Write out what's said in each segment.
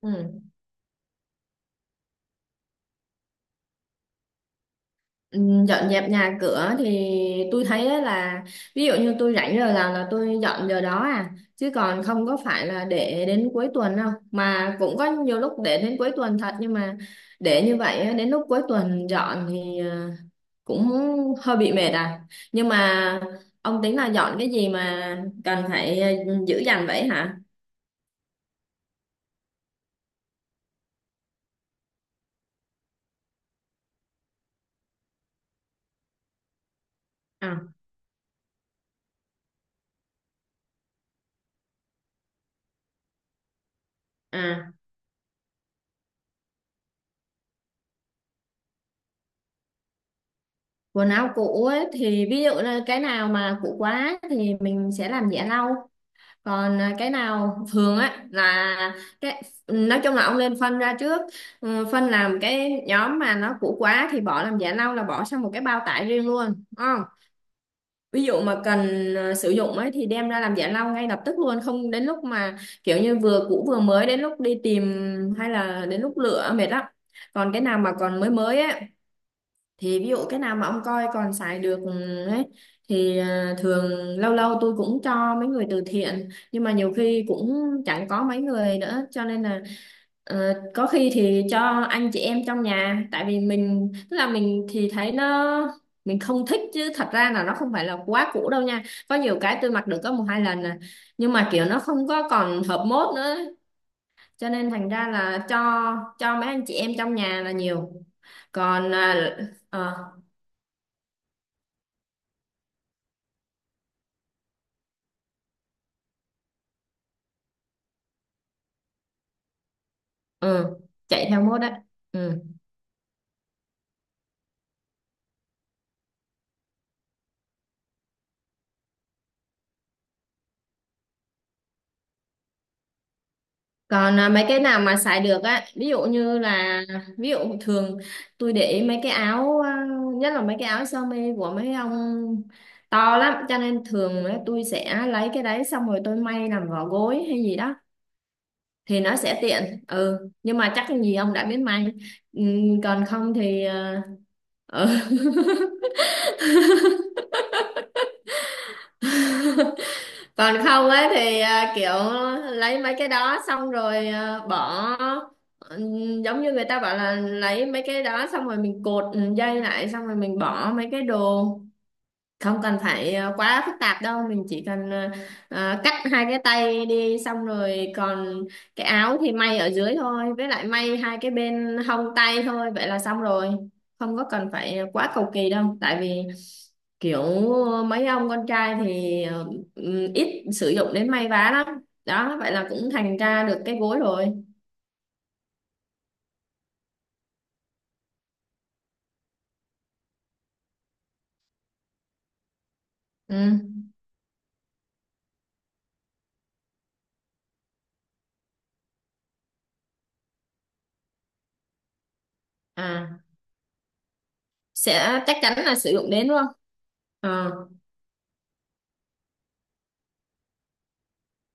Ừ. Ừ, dọn dẹp nhà cửa thì tôi thấy á là ví dụ như tôi rảnh giờ nào là tôi dọn giờ đó à, chứ còn không có phải là để đến cuối tuần đâu. Mà cũng có nhiều lúc để đến cuối tuần thật, nhưng mà để như vậy á, đến lúc cuối tuần dọn thì cũng hơi bị mệt à. Nhưng mà ông tính là dọn cái gì mà cần phải giữ dành vậy hả? À, à, quần áo cũ ấy thì ví dụ là cái nào mà cũ quá thì mình sẽ làm giẻ lau. Còn cái nào thường á là cái, nói chung là ông nên phân ra trước. Ừ, phân làm cái nhóm mà nó cũ quá thì bỏ làm giả lau, là bỏ sang một cái bao tải riêng luôn đúng không. Ví dụ mà cần sử dụng ấy thì đem ra làm giả lau ngay lập tức luôn, không đến lúc mà kiểu như vừa cũ vừa mới, đến lúc đi tìm hay là đến lúc lựa mệt lắm. Còn cái nào mà còn mới mới á, thì ví dụ cái nào mà ông coi còn xài được ừ, ấy thì thường lâu lâu tôi cũng cho mấy người từ thiện, nhưng mà nhiều khi cũng chẳng có mấy người nữa, cho nên là có khi thì cho anh chị em trong nhà, tại vì mình, tức là mình thì thấy nó, mình không thích, chứ thật ra là nó không phải là quá cũ đâu nha. Có nhiều cái tôi mặc được có một hai lần à, nhưng mà kiểu nó không có còn hợp mốt nữa, cho nên thành ra là cho mấy anh chị em trong nhà là nhiều. Còn ờ, ừ chạy theo mốt á. Ừ. Còn mấy cái nào mà xài được á, ví dụ như là, ví dụ thường tôi để ý mấy cái áo nhất là mấy cái áo sơ mi của mấy ông to lắm, cho nên thường á, tôi sẽ lấy cái đấy xong rồi tôi may làm vỏ gối hay gì đó, thì nó sẽ tiện. Ừ nhưng mà chắc gì ông đã biết may. ừ, Còn không thì ừ. Còn không ấy thì kiểu lấy mấy cái đó xong rồi bỏ, giống như người ta bảo là lấy mấy cái đó xong rồi mình cột dây lại, xong rồi mình bỏ mấy cái đồ, không cần phải quá phức tạp đâu. Mình chỉ cần cắt hai cái tay đi, xong rồi còn cái áo thì may ở dưới thôi, với lại may hai cái bên hông tay thôi, vậy là xong rồi. Không có cần phải quá cầu kỳ đâu, tại vì kiểu mấy ông con trai thì ít sử dụng đến may vá lắm. Đó, vậy là cũng thành ra được cái gối rồi. Ừ. À, sẽ chắc chắn là sử dụng đến luôn. Ờ.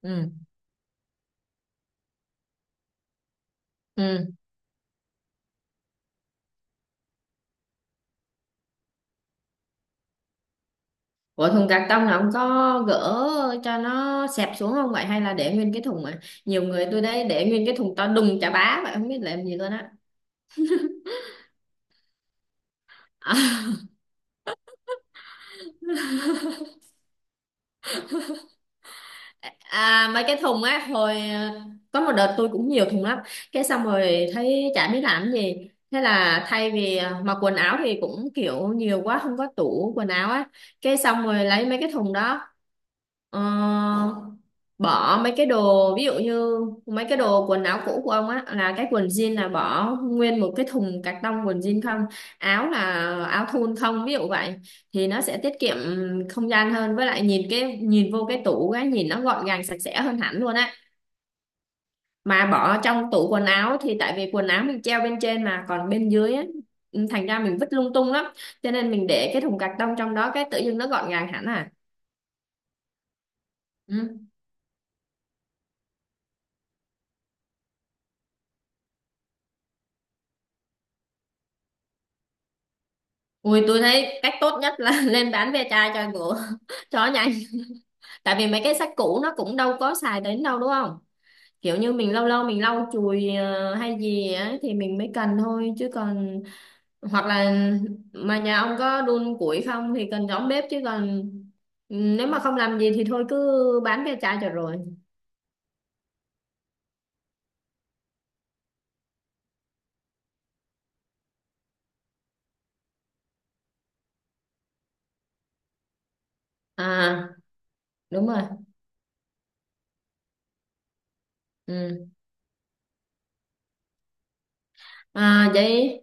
Ừ. Ừ. Ủa thùng cạc tông là ông có gỡ cho nó xẹp xuống không vậy, hay là để nguyên cái thùng à? Nhiều người tôi đây để nguyên cái thùng to đùng chà bá vậy, không biết làm gì luôn. Á. À, mấy cái thùng á, hồi có một đợt tôi cũng nhiều thùng lắm, cái xong rồi thấy chả biết làm cái gì, thế là thay vì mặc quần áo thì cũng kiểu nhiều quá, không có tủ quần áo á, cái xong rồi lấy mấy cái thùng đó, ờ, bỏ mấy cái đồ, ví dụ như mấy cái đồ quần áo cũ của ông á, là cái quần jean là bỏ nguyên một cái thùng cạc tông quần jean không, áo là, áo thun không, ví dụ vậy. Thì nó sẽ tiết kiệm không gian hơn, với lại nhìn cái, nhìn vô cái tủ cái nhìn nó gọn gàng sạch sẽ hơn hẳn luôn á. Mà bỏ trong tủ quần áo thì tại vì quần áo mình treo bên trên, mà còn bên dưới á, ừ, thành ra mình vứt lung tung lắm, cho nên mình để cái thùng cạc tông trong đó, cái tự dưng nó gọn gàng hẳn à. Ừ. Ui tôi thấy cách tốt nhất là lên bán ve chai cho ngựa cho nhanh. Tại vì mấy cái sách cũ nó cũng đâu có xài đến đâu đúng không, kiểu như mình lâu lâu mình lau chùi hay gì á thì mình mới cần thôi, chứ còn hoặc là, mà nhà ông có đun củi không thì cần giống bếp, chứ còn nếu mà không làm gì thì thôi cứ bán ve chai cho rồi. À đúng rồi. Ừ. À vậy,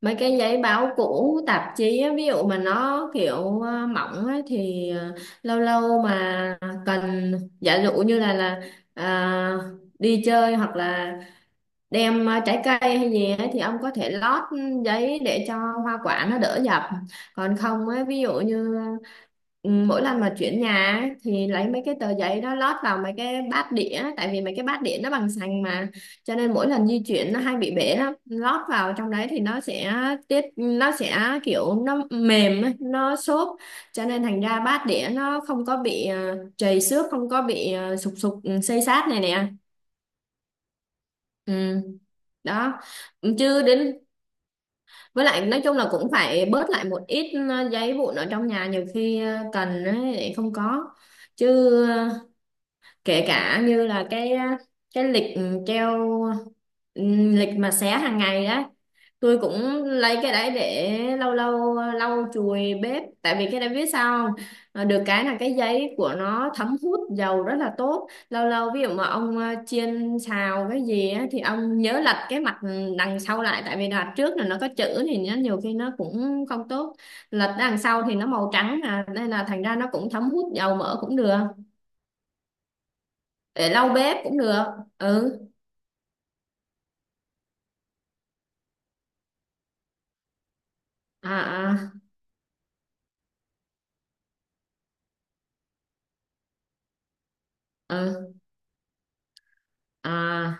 mấy cái giấy báo cũ tạp chí á, ví dụ mà nó kiểu mỏng á, thì lâu lâu mà cần, giả dụ như là à, đi chơi hoặc là đem trái cây hay gì ấy, thì ông có thể lót giấy để cho hoa quả nó đỡ dập. Còn không ấy, ví dụ như ừ, mỗi lần mà chuyển nhà ấy, thì lấy mấy cái tờ giấy đó lót vào mấy cái bát đĩa, tại vì mấy cái bát đĩa nó bằng sành mà, cho nên mỗi lần di chuyển nó hay bị bể lắm, lót vào trong đấy thì nó sẽ tiết, nó sẽ kiểu nó mềm ấy, nó xốp, cho nên thành ra bát đĩa nó không có bị trầy xước, không có bị sụp sụp ừ, xây xát này nè. Ừ đó, chứ đến, với lại nói chung là cũng phải bớt lại một ít giấy vụn ở trong nhà, nhiều khi cần ấy, lại không có. Chứ ờ, kể cả như là cái cái lịch ừ, treo ừ, lịch mà xé hàng ngày đó, tôi cũng lấy cái đấy để lâu lâu lau chùi bếp, tại vì cái đấy biết sao không. Ờ, được cái là cái giấy của nó thấm hút dầu rất là tốt, lâu lâu ví dụ mà ông chiên xào cái gì á, thì ông nhớ lật cái mặt đằng sau lại, tại vì đằng trước là nó có chữ thì nó nhiều khi nó cũng không tốt, lật đằng sau thì nó màu trắng à, nên là thành ra nó cũng thấm hút dầu mỡ cũng được, để lau bếp cũng được. Ừ. À. À. Ừ. À.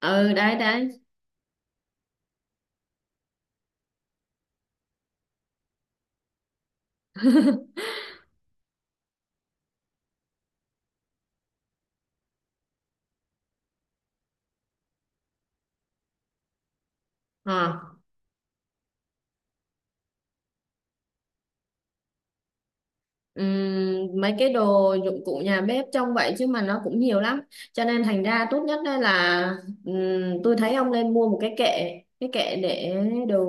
Ừ đấy đấy. Ờ. Mấy cái đồ dụng cụ nhà bếp trong vậy chứ mà nó cũng nhiều lắm, cho nên thành ra tốt nhất đây là, tôi thấy ông nên mua một cái kệ, cái kệ để đồ,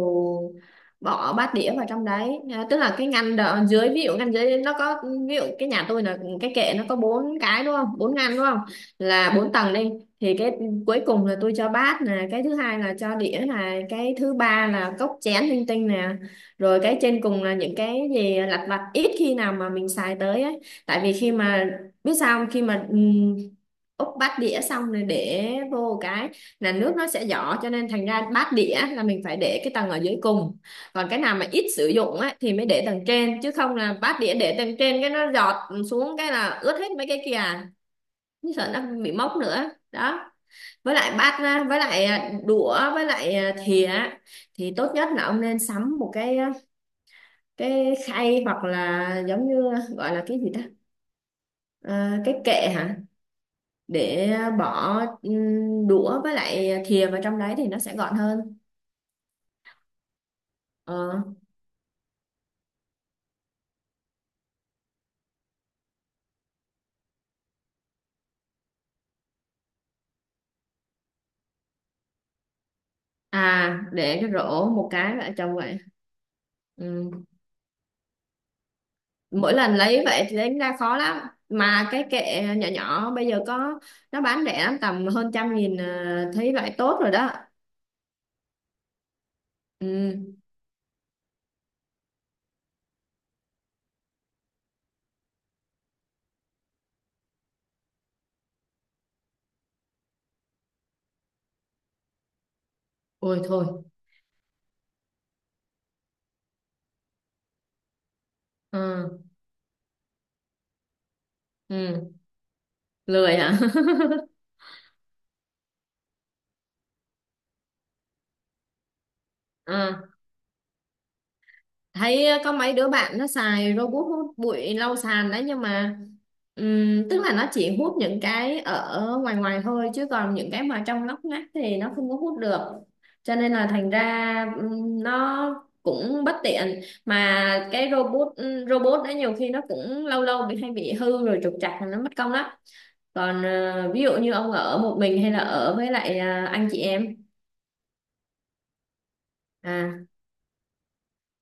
bỏ bát đĩa vào trong đấy à, tức là cái ngăn đợ, dưới, ví dụ ngăn dưới nó có, ví dụ cái nhà tôi là cái kệ nó có bốn cái đúng không, bốn ngăn đúng không, là bốn tầng đi. Thì cái cuối cùng là tôi cho bát nè, cái thứ hai là cho đĩa nè, cái thứ ba là cốc chén linh tinh nè, rồi cái trên cùng là những cái gì lặt vặt ít khi nào mà mình xài tới ấy. Tại vì khi mà, biết sao không? Khi mà úp bát đĩa xong rồi để vô cái, là nước nó sẽ giỏ, cho nên thành ra bát đĩa là mình phải để cái tầng ở dưới cùng. Còn cái nào mà ít sử dụng á thì mới để tầng trên, chứ không là bát đĩa để tầng trên cái nó giọt xuống cái là ướt hết mấy cái kia à. Như sợ nó bị mốc nữa đó. Với lại bát á, với lại đũa, với lại thìa á, thì tốt nhất là ông nên sắm một cái khay hoặc là giống như, gọi là cái gì ta, à, cái kệ hả, để bỏ đũa với lại thìa vào trong đấy thì nó sẽ gọn hơn. Ờ. À để cái rổ một cái vợ chồng vậy. Ừ. Mỗi lần lấy vậy thì đánh ra khó lắm, mà cái kệ nhỏ nhỏ bây giờ có, nó bán rẻ lắm, tầm hơn 100.000 à, thấy loại tốt rồi đó. Ừ. Ôi thôi. Ừ. Ừ. Lười hả? Ừ. Thấy có mấy đứa bạn nó xài robot hút bụi lau sàn đấy, nhưng mà tức là nó chỉ hút những cái ở ngoài ngoài thôi, chứ còn những cái mà trong ngóc ngách thì nó không có hút được, cho nên là thành ra nó cũng bất tiện mà. Cái robot robot đấy nhiều khi nó cũng lâu lâu bị hay bị hư rồi trục trặc, nó mất công lắm. Còn ví dụ như ông ở một mình hay là ở với lại anh chị em. À,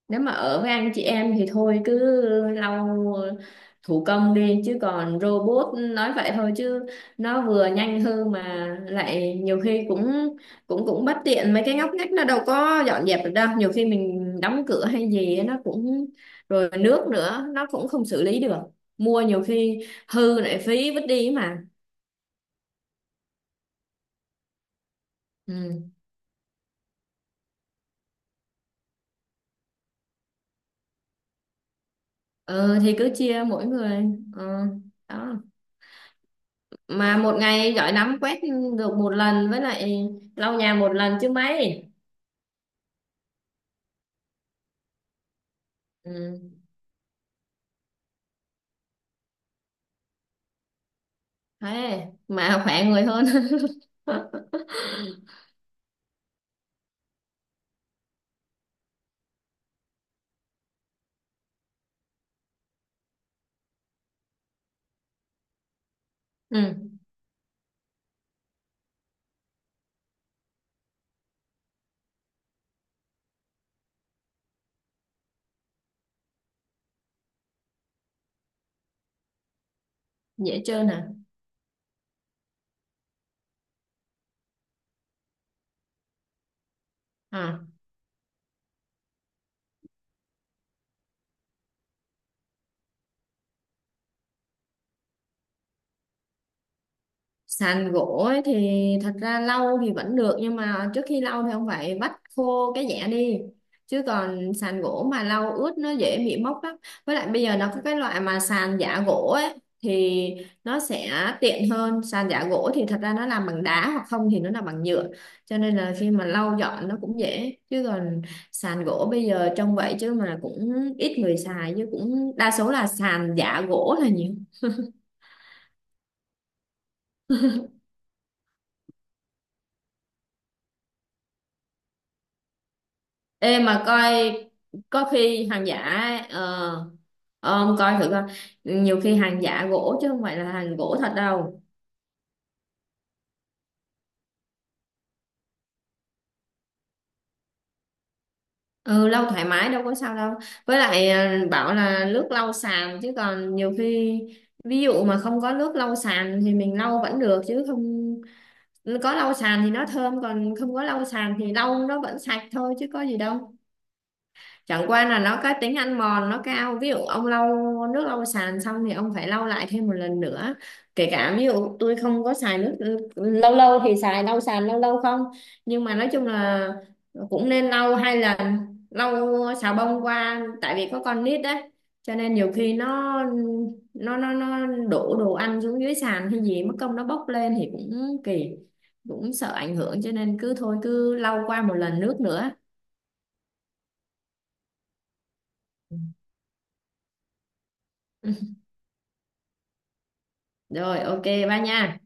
nếu mà ở với anh chị em thì thôi cứ lau thủ công đi, chứ còn robot nói vậy thôi chứ nó vừa nhanh hư, mà lại nhiều khi cũng cũng cũng bất tiện, mấy cái ngóc ngách nó đâu có dọn dẹp được đâu, nhiều khi mình đóng cửa hay gì nó cũng, rồi nước nữa nó cũng không xử lý được, mua nhiều khi hư lại phí vứt đi mà. Ừ. Ờ, thì cứ chia mỗi người. Ờ, đó. Mà một ngày giỏi lắm quét được một lần, với lại lau nhà một lần chứ mấy. Ừ. Thế mà khỏe người hơn. Ừ. Dễ chơi nè. À. Sàn gỗ ấy thì thật ra lau thì vẫn được, nhưng mà trước khi lau thì không phải vắt khô cái dẻ đi, chứ còn sàn gỗ mà lau ướt nó dễ bị mốc lắm. Với lại bây giờ nó có cái loại mà sàn giả gỗ ấy, thì nó sẽ tiện hơn. Sàn giả gỗ thì thật ra nó làm bằng đá, hoặc không thì nó làm bằng nhựa, cho nên là khi mà lau dọn nó cũng dễ. Chứ còn sàn gỗ bây giờ trông vậy chứ mà cũng ít người xài, chứ cũng đa số là sàn giả gỗ là nhiều. Ê mà coi, có khi hàng giả, ờ, ông coi thử coi, nhiều khi hàng giả gỗ chứ không phải là hàng gỗ thật đâu. Ừ lau thoải mái đâu có sao đâu. Với lại bảo là nước lau sàn chứ còn nhiều khi, ví dụ mà không có nước lau sàn thì mình lau vẫn được, chứ không có lau sàn thì nó thơm, còn không có lau sàn thì lau nó vẫn sạch thôi chứ có gì đâu. Chẳng qua là nó có tính ăn mòn nó cao, ví dụ ông lau nước lau sàn xong thì ông phải lau lại thêm một lần nữa. Kể cả ví dụ tôi không có xài nước, lâu lâu thì xài lau sàn, lâu lâu không, nhưng mà nói chung là cũng nên lau hai lần, lau xà bông qua, tại vì có con nít đấy, cho nên nhiều khi nó, nó đổ đồ ăn xuống dưới sàn hay gì, mất công nó bốc lên thì cũng kỳ, cũng sợ ảnh hưởng, cho nên cứ thôi cứ lau qua một lần nước nữa. Rồi, ok, ba nha.